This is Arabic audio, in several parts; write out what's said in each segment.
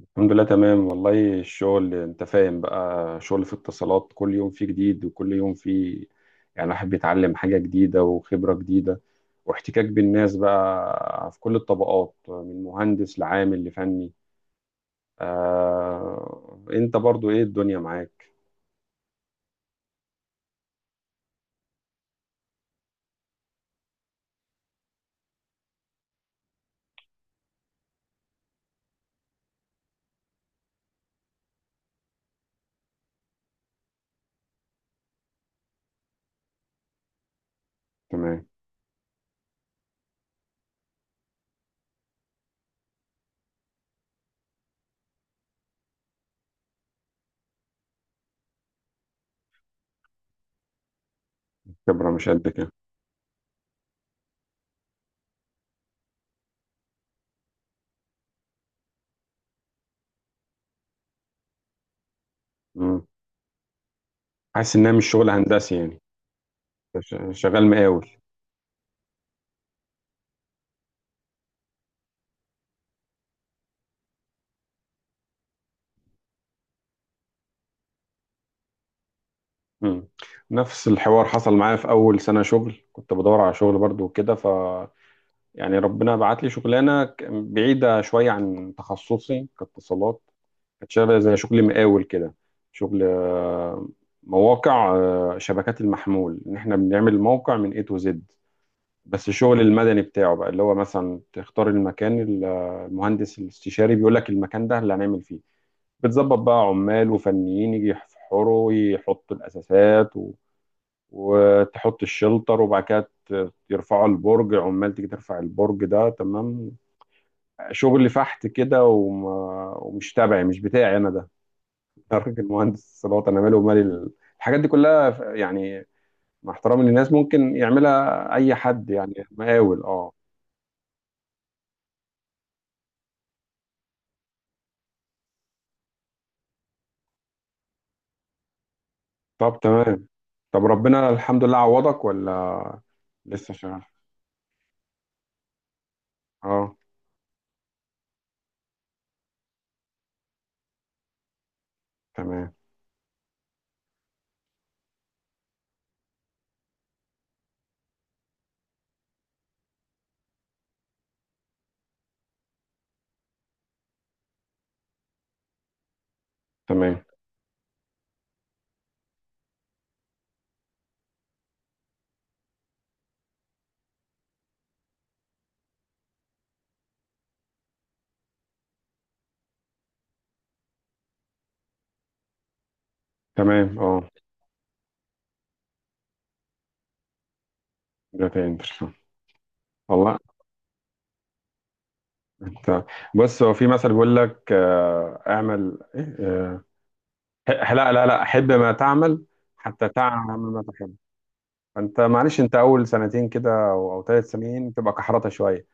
الحمد لله تمام. والله الشغل انت فاهم بقى، شغل في اتصالات كل يوم فيه جديد وكل يوم فيه الواحد بيتعلم حاجة جديدة وخبرة جديدة واحتكاك بالناس بقى في كل الطبقات من مهندس لعامل لفني. آه، انت برضو ايه الدنيا معاك؟ تمام. خبرة مش قد كده. مم. حاسس انها مش شغل هندسي يعني. ش- شغال مقاول. مم. نفس الحوار حصل معايا في اول سنة شغل، كنت بدور على شغل برضو وكده. ف يعني ربنا بعت لي شغلانه بعيده شويه عن تخصصي كاتصالات، كانت شبه زي شغل مقاول كده. شغل مواقع، شبكات المحمول، ان احنا بنعمل الموقع من اي تو زد. بس الشغل المدني بتاعه بقى اللي هو مثلا تختار المكان المهندس الاستشاري بيقول لك المكان ده اللي هنعمل فيه. بتظبط بقى عمال وفنيين يجي يحفروا يحطوا الاساسات وتحط الشلتر وبعد كده يرفعوا البرج، عمال تيجي ترفع البرج ده، تمام. شغل فحت كده. ومش تبعي، مش بتاعي انا ده. انا راجل مهندس اتصالات، انا مالي ومالي الحاجات دي كلها. يعني مع احترامي للناس ممكن يعملها اي حد، يعني مقاول، اه. طب تمام. طب ربنا الحمد لله عوضك ولا لسه شغال؟ اه تمام. تمام. تمام. اه. ده تاني. والله، انت بص، هو في مثل بيقول لك آه، اعمل إيه؟ آه، لا لا لا، احب ما تعمل، حتى تعمل ما تحب. انت معلش، انت اول سنتين كده او ثلاث سنين تبقى كحرطه شويه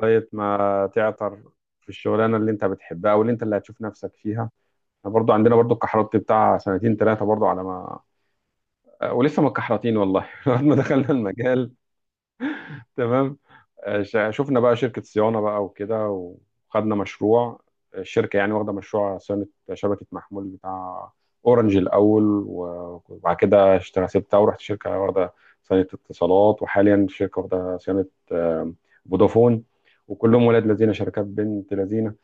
لغايه ما تعطر في الشغلانه اللي انت بتحبها او اللي انت اللي هتشوف نفسك فيها. احنا برضو عندنا برضو الكحرطه بتاع سنتين ثلاثه برضو على ما آه، ولسه ما اتكحرطين والله. لغايه ما دخلنا المجال تمام. آه، شفنا بقى شركة صيانة بقى وكده وخدنا مشروع. الشركة يعني واخدة مشروع صيانة شبكة محمول بتاع أورنج الأول، وبعد كده اشتغل سبتها ورحت شركة واخدة صيانة اتصالات، وحاليا شركة واخدة صيانة آه، فودافون. وكلهم ولاد لذينة، شركات بنت لذينة.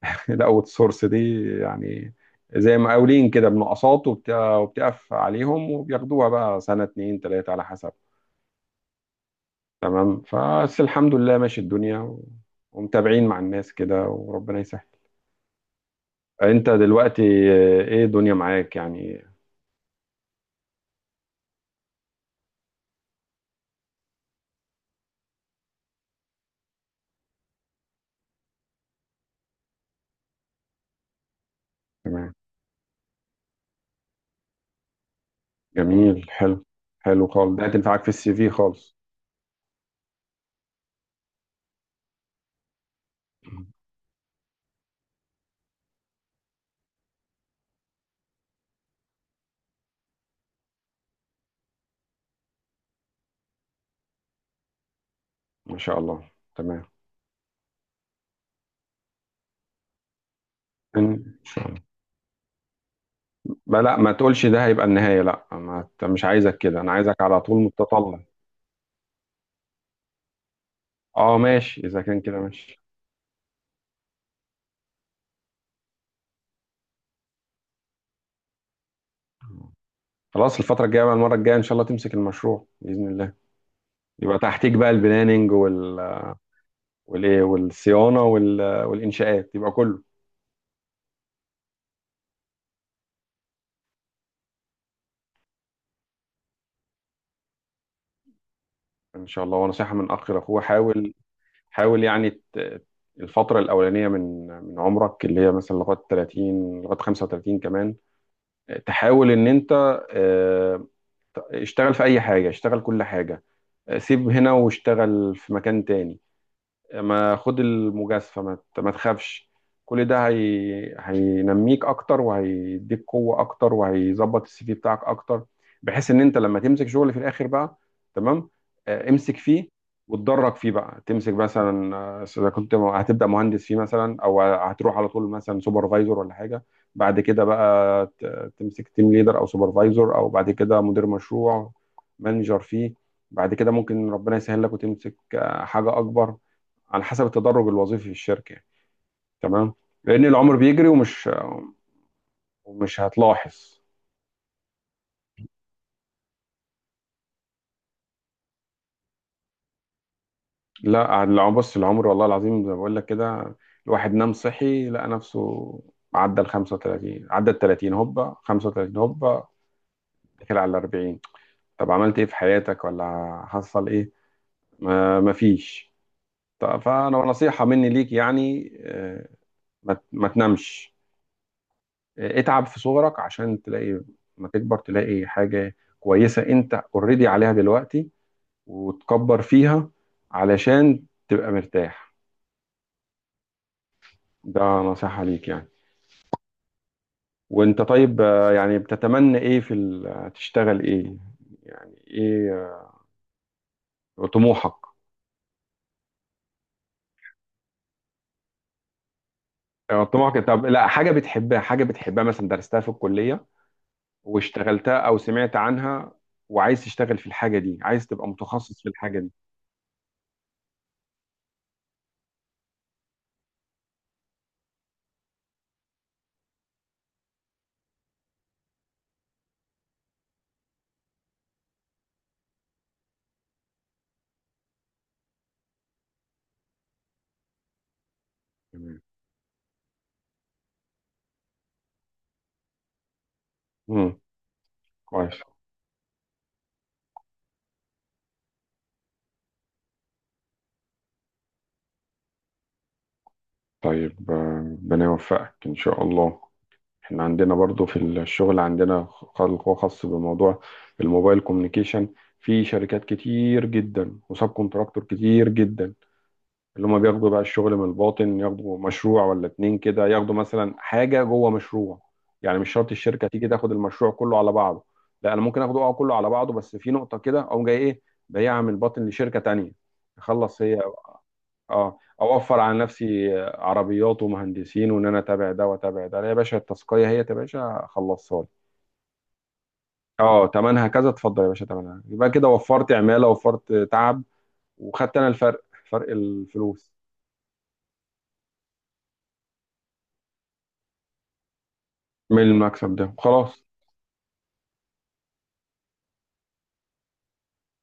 الأوت سورس دي يعني زي مقاولين كده، بنقصات، وبتقف عليهم وبياخدوها بقى سنة اتنين تلاتة على حسب. تمام. فبس الحمد لله ماشي الدنيا ومتابعين مع الناس كده وربنا يسهل. انت دلوقتي آه، ايه الدنيا معاك يعني؟ تمام. جميل. حلو. حلو خالص، ده هتنفعك في السي في خالص. ما شاء الله، تمام. ان شاء الله. لا لا، ما تقولش ده هيبقى النهاية، لا، ما ت- مش عايزك كده، انا عايزك على طول متطلع. اه ماشي، اذا كان كده ماشي. خلاص الفترة الجاية بقى، المرة الجاية ان شاء الله تمسك المشروع بإذن الله. يبقى تحتيك بقى البلاننج وال والصيانه والانشاءات، يبقى كله ان شاء الله. ونصيحه من اخ لاخوه، حاول، حاول يعني الفتره الاولانيه من عمرك، اللي هي مثلا لغايه 30 لغايه 35 كمان، تحاول ان انت آه، اشتغل في اي حاجه، اشتغل كل حاجه، آه، سيب هنا واشتغل في مكان تاني، ما خد المجازفة، ما تخافش. كل ده هينميك اكتر وهيديك قوة اكتر وهيظبط السي في بتاعك اكتر، بحيث ان انت لما تمسك شغل في الاخر بقى تمام، آه، امسك فيه وتدرج فيه بقى. تمسك مثلا آه، اذا كنت هتبدا مهندس فيه مثلا او هتروح على طول مثلا سوبرفايزر ولا حاجه، بعد كده بقى تمسك تيم ليدر او سوبرفايزر، او بعد كده مدير مشروع، مانجر فيه. بعد كده ممكن ربنا يسهل لك وتمسك آه، حاجه اكبر، على حسب التدرج الوظيفي في الشركه يعني. تمام. لان العمر بيجري ومش هتلاحظ. لا بص العمر والله العظيم زي ما بقول لك كده، الواحد نام صحي لقى نفسه عدى ال 35، عدى ال 30 هوبا، 35 هوبا، داخل على ال 40. طب عملت ايه في حياتك ولا حصل ايه؟ ما مفيش. طب فانا نصيحه مني ليك يعني، آه، ما تنامش. آه، اتعب في صغرك عشان تلاقي ما تكبر تلاقي حاجه كويسه انت اوريدي عليها دلوقتي وتكبر فيها، علشان تبقى مرتاح. ده نصيحة ليك يعني. وانت طيب آه، يعني بتتمنى ايه تشتغل ايه؟ يعني ايه آه، طموحك؟ آه، طموحك. طب لا، حاجة بتحبها، حاجة بتحبها مثلا درستها في الكلية واشتغلتها او سمعت عنها وعايز تشتغل في الحاجة دي، عايز تبقى متخصص في الحاجة دي. تمام. مم. كويس. طيب آه، ربنا يوفقك ان شاء الله. احنا عندنا برضو في الشغل عندنا خلق خاص بموضوع الموبايل كوميونيكيشن. في شركات كتير جدا وسب كونتراكتور كتير جدا، اللي هم بياخدوا بقى الشغل من الباطن، ياخدوا مشروع ولا اتنين كده، ياخدوا مثلا حاجة جوه مشروع. يعني مش شرط الشركة تيجي تاخد المشروع كله على بعضه. لا، انا ممكن اخده اه كله على بعضه، بس في نقطة كده اقوم جاي ايه بايعها من الباطن لشركة تانية تخلص هي. اه، اوفر على نفسي عربيات ومهندسين، وان انا اتابع ده واتابع ده، لا يا باشا التسقيه هي يا باشا خلصها لي. اه، تمنها كذا، اتفضل يا باشا، تمنها يبقى كده، وفرت عماله وفرت تعب، وخدت انا الفرق، فرق الفلوس، من المكسب ده، خلاص.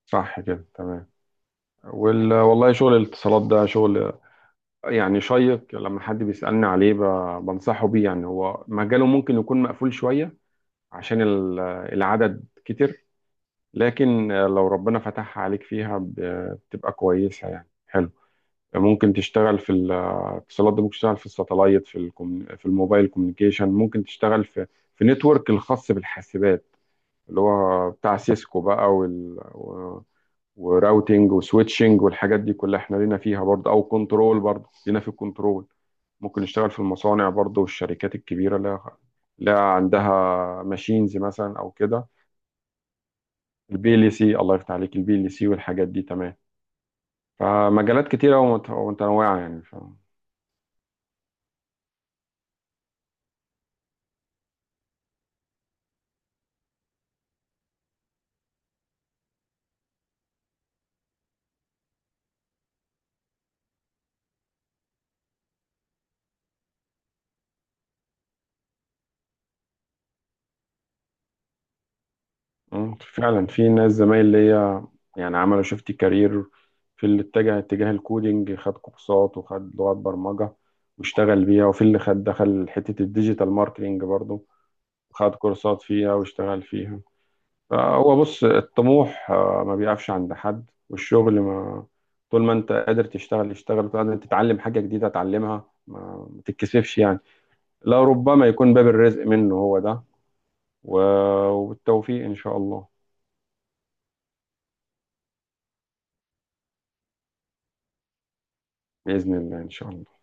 صح كده، تمام. والله شغل الاتصالات ده شغل يعني شيق. لما حد بيسألني عليه بنصحه بيه. يعني هو مجاله ممكن يكون مقفول شوية عشان العدد كتير، لكن آه، لو ربنا فتحها عليك فيها بتبقى كويسة يعني، حلو. ممكن تشتغل في الاتصالات ده، ممكن تشتغل في الساتلايت، في في الموبايل كوميونيكيشن، ممكن تشتغل في في نتورك الخاص بالحاسبات، اللي هو بتاع سيسكو بقى وراوتينج وسويتشنج والحاجات دي كلها احنا لينا فيها برضه، او كنترول برضه لينا في الكنترول. ممكن نشتغل في المصانع برضه والشركات الكبيرة اللي لها عندها ماشينز مثلا او كده. البي ال سي، الله يفتح عليك، البي ال سي والحاجات دي، تمام. فمجالات كتيرة ومتنوعة يعني مم، فعلا في ناس زمايل ليا يعني عملوا شيفت كارير. في اللي اتجه اتجاه الكودينج، خد كورسات وخد لغات برمجة واشتغل بيها، وفي اللي خد دخل حتة الديجيتال ماركتينج برضو، خد كورسات فيها واشتغل فيها. فهو بص الطموح آه، ما بيقفش عند حد، والشغل ما طول ما انت قادر تشتغل اشتغل، طول ما انت تتعلم حاجة جديدة اتعلمها، ما تتكسفش يعني. لا ربما يكون باب الرزق منه هو ده و- والتوفيق إن شاء الله. بإذن الله إن شاء الله.